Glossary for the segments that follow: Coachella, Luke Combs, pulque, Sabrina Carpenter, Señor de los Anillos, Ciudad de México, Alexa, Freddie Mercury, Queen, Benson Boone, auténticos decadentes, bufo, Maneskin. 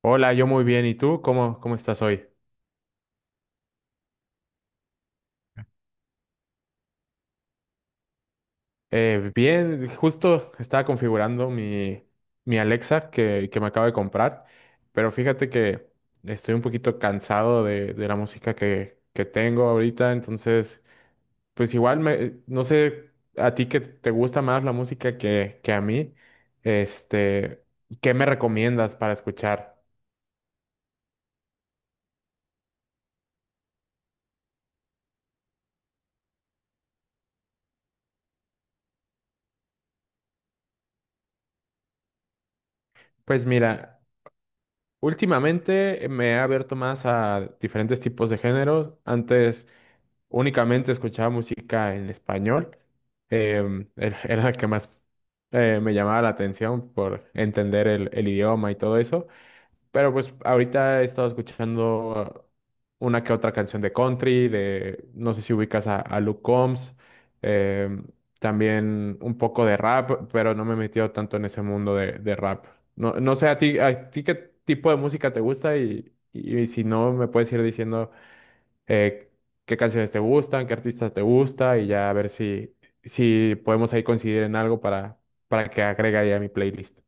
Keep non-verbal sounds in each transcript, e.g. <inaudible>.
Hola, yo muy bien. ¿Y tú? ¿Cómo estás hoy? Bien, justo estaba configurando mi Alexa que me acabo de comprar, pero fíjate que estoy un poquito cansado de la música que tengo ahorita, entonces, pues igual me, no sé, a ti que te gusta más la música que a mí, este, ¿qué me recomiendas para escuchar? Pues mira, últimamente me he abierto más a diferentes tipos de géneros. Antes únicamente escuchaba música en español. <laughs> Era la que más me llamaba la atención por entender el idioma y todo eso. Pero pues ahorita he estado escuchando una que otra canción de country, de, no sé si ubicas a Luke Combs. em, También un poco de rap, pero no me he metido tanto en ese mundo de rap. No sé a ti qué tipo de música te gusta y, si no, me puedes ir diciendo eh, qué canciones te gustan, qué artistas te gusta y ya a ver si, si podemos ahí coincidir en algo para que agregue ahí a mi playlist.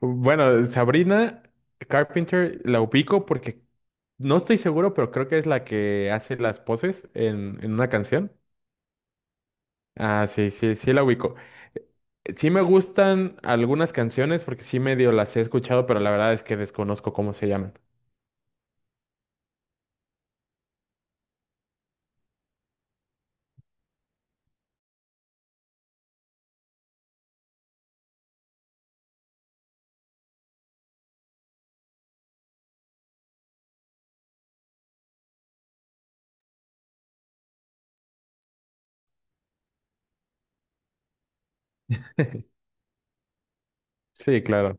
Bueno, Sabrina Carpenter la ubico porque no estoy seguro, pero creo que es la que hace las poses en una canción. Ah, sí, sí, sí la ubico. Sí, me gustan algunas canciones porque sí, medio las he escuchado, pero la verdad es que desconozco cómo se llaman. Sí, claro.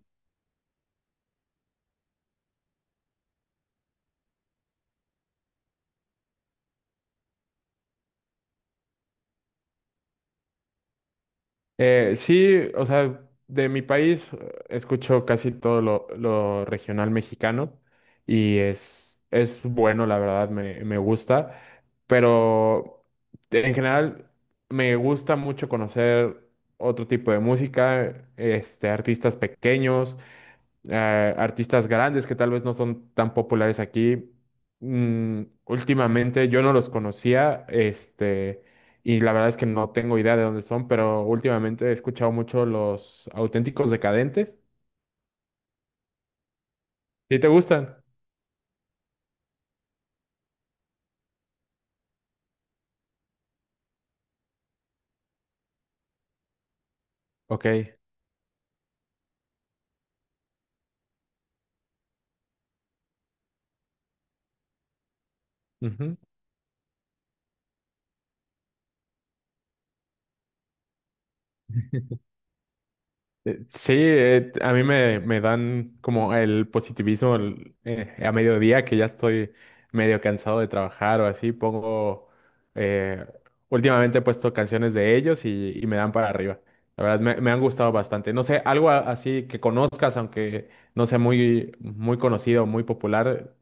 Sí, o sea, de mi país, escucho casi todo lo regional mexicano y es bueno, la verdad, me gusta, pero en general me gusta mucho conocer otro tipo de música, artistas pequeños, artistas grandes que tal vez no son tan populares aquí. Mm, últimamente yo no los conocía, y la verdad es que no tengo idea de dónde son, pero últimamente he escuchado mucho los Auténticos Decadentes. ¿Sí te gustan? Ok. Ujú. <laughs> Sí, a mí me, me dan como el positivismo a mediodía, que ya estoy medio cansado de trabajar o así, pongo, eh, últimamente he puesto canciones de ellos y me dan para arriba. La verdad, me han gustado bastante. No sé, algo así que conozcas, aunque no sea muy, muy conocido, muy popular.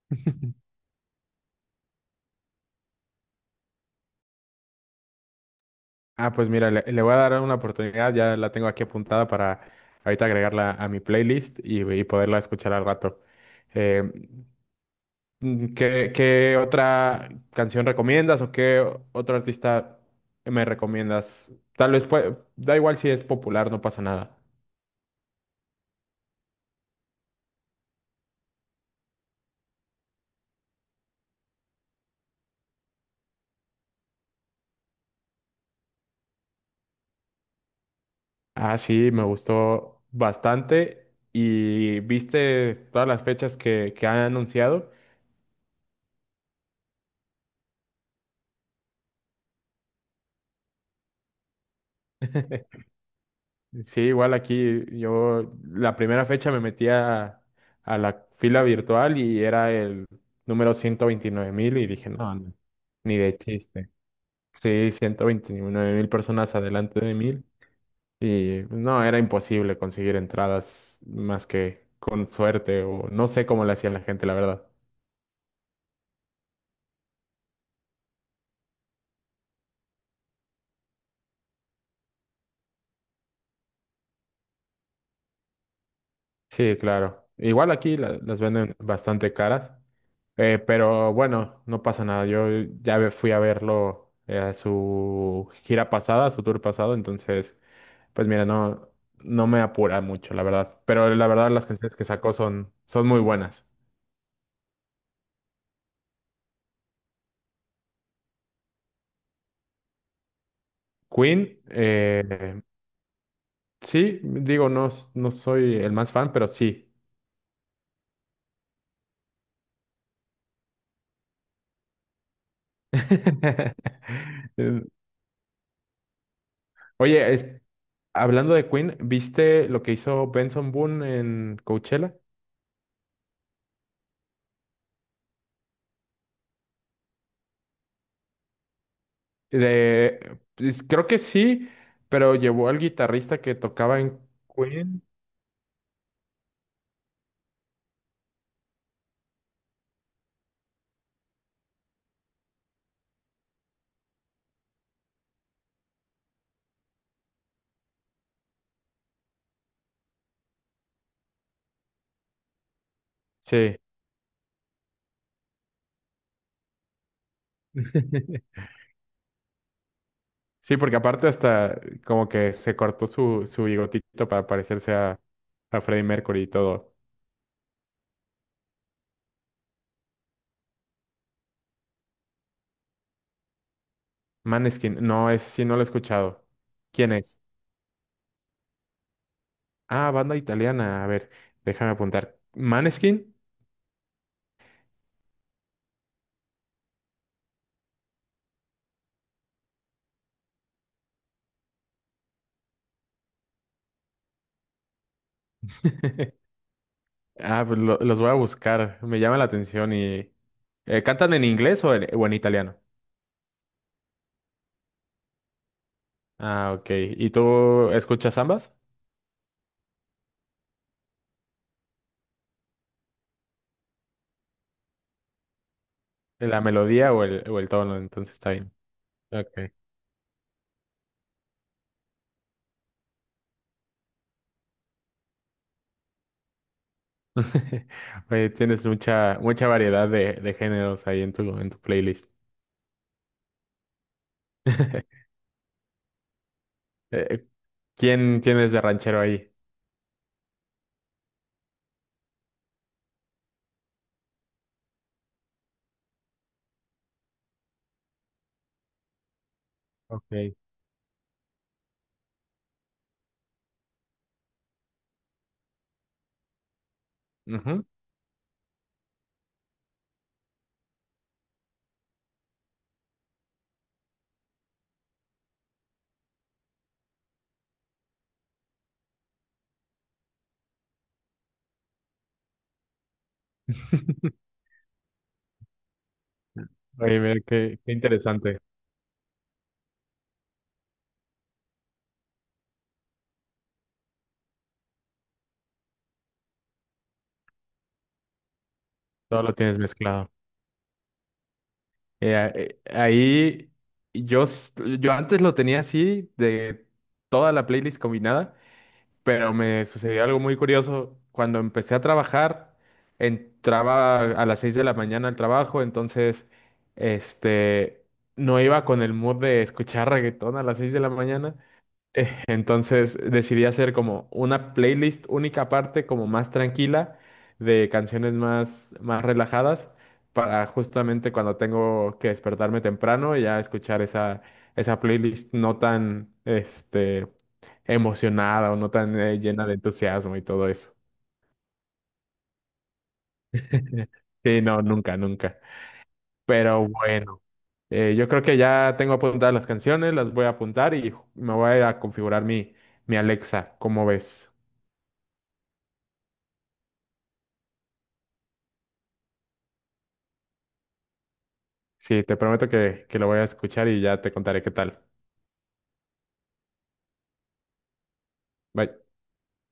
<laughs> Ah, pues mira, le voy a dar una oportunidad, ya la tengo aquí apuntada para ahorita agregarla a mi playlist y poderla escuchar al rato. Eh, ¿Qué, qué otra canción recomiendas o qué otro artista me recomiendas? Tal vez da igual si es popular, no pasa nada. Ah, sí, me gustó bastante. ¿Y viste todas las fechas que han anunciado? <laughs> Sí, igual aquí yo la primera fecha me metí a la fila virtual y era el número 129.000 y dije, no, no, ni de chiste. Sí, 129.000 personas adelante de mí. Y no, era imposible conseguir entradas más que con suerte o no sé cómo le hacían la gente, la verdad. Sí, claro. Igual aquí las venden bastante caras, pero bueno, no pasa nada. Yo fui a verlo, a su gira pasada, a su tour pasado, entonces, pues mira, no, no me apura mucho, la verdad. Pero la verdad las canciones que sacó son, son muy buenas. Queen, sí, digo, no, no soy el más fan, pero sí. <laughs> Eh, Oye, hablando de Queen, ¿viste lo que hizo Benson Boone en Coachella? De, pues, creo que sí, pero llevó al guitarrista que tocaba en Queen. Sí. <laughs> Sí, porque aparte hasta como que se cortó su, su bigotito para parecerse a Freddie Mercury y todo. Maneskin, no, ese sí no lo he escuchado. ¿Quién es? Ah, banda italiana. A ver, déjame apuntar. ¿Maneskin? <laughs> Ah, pues los voy a buscar. Me llama la atención y ¿cantan en inglés o en italiano? Ah, ok. ¿Y tú escuchas ambas? ¿La melodía o el tono? Entonces está bien. Ok. <laughs> Oye, tienes mucha, mucha variedad de géneros ahí en tu playlist. <laughs> Eh, ¿Quién tienes de ranchero ahí? Ok. Ujú. <laughs> Oye, mira, qué, qué interesante. Todo lo tienes mezclado. Ahí yo, s- yo antes lo tenía así, de toda la playlist combinada, pero me sucedió algo muy curioso. Cuando empecé a trabajar, entraba a las 6 de la mañana al trabajo, entonces este, no iba con el mood de escuchar reggaetón a las 6 de la mañana. <laughs> Entonces decidí hacer como una playlist única parte, como más tranquila, de canciones más, más relajadas, para justamente cuando tengo que despertarme temprano y ya escuchar esa, esa playlist no tan emocionada o no tan llena de entusiasmo y todo eso. <laughs> Sí, no, nunca, nunca. Pero bueno, yo creo que ya tengo apuntadas las canciones, las voy a apuntar y me voy a ir a configurar mi, mi Alexa. ¿Cómo ves? Sí, te prometo que lo voy a escuchar y ya te contaré qué tal. Bye.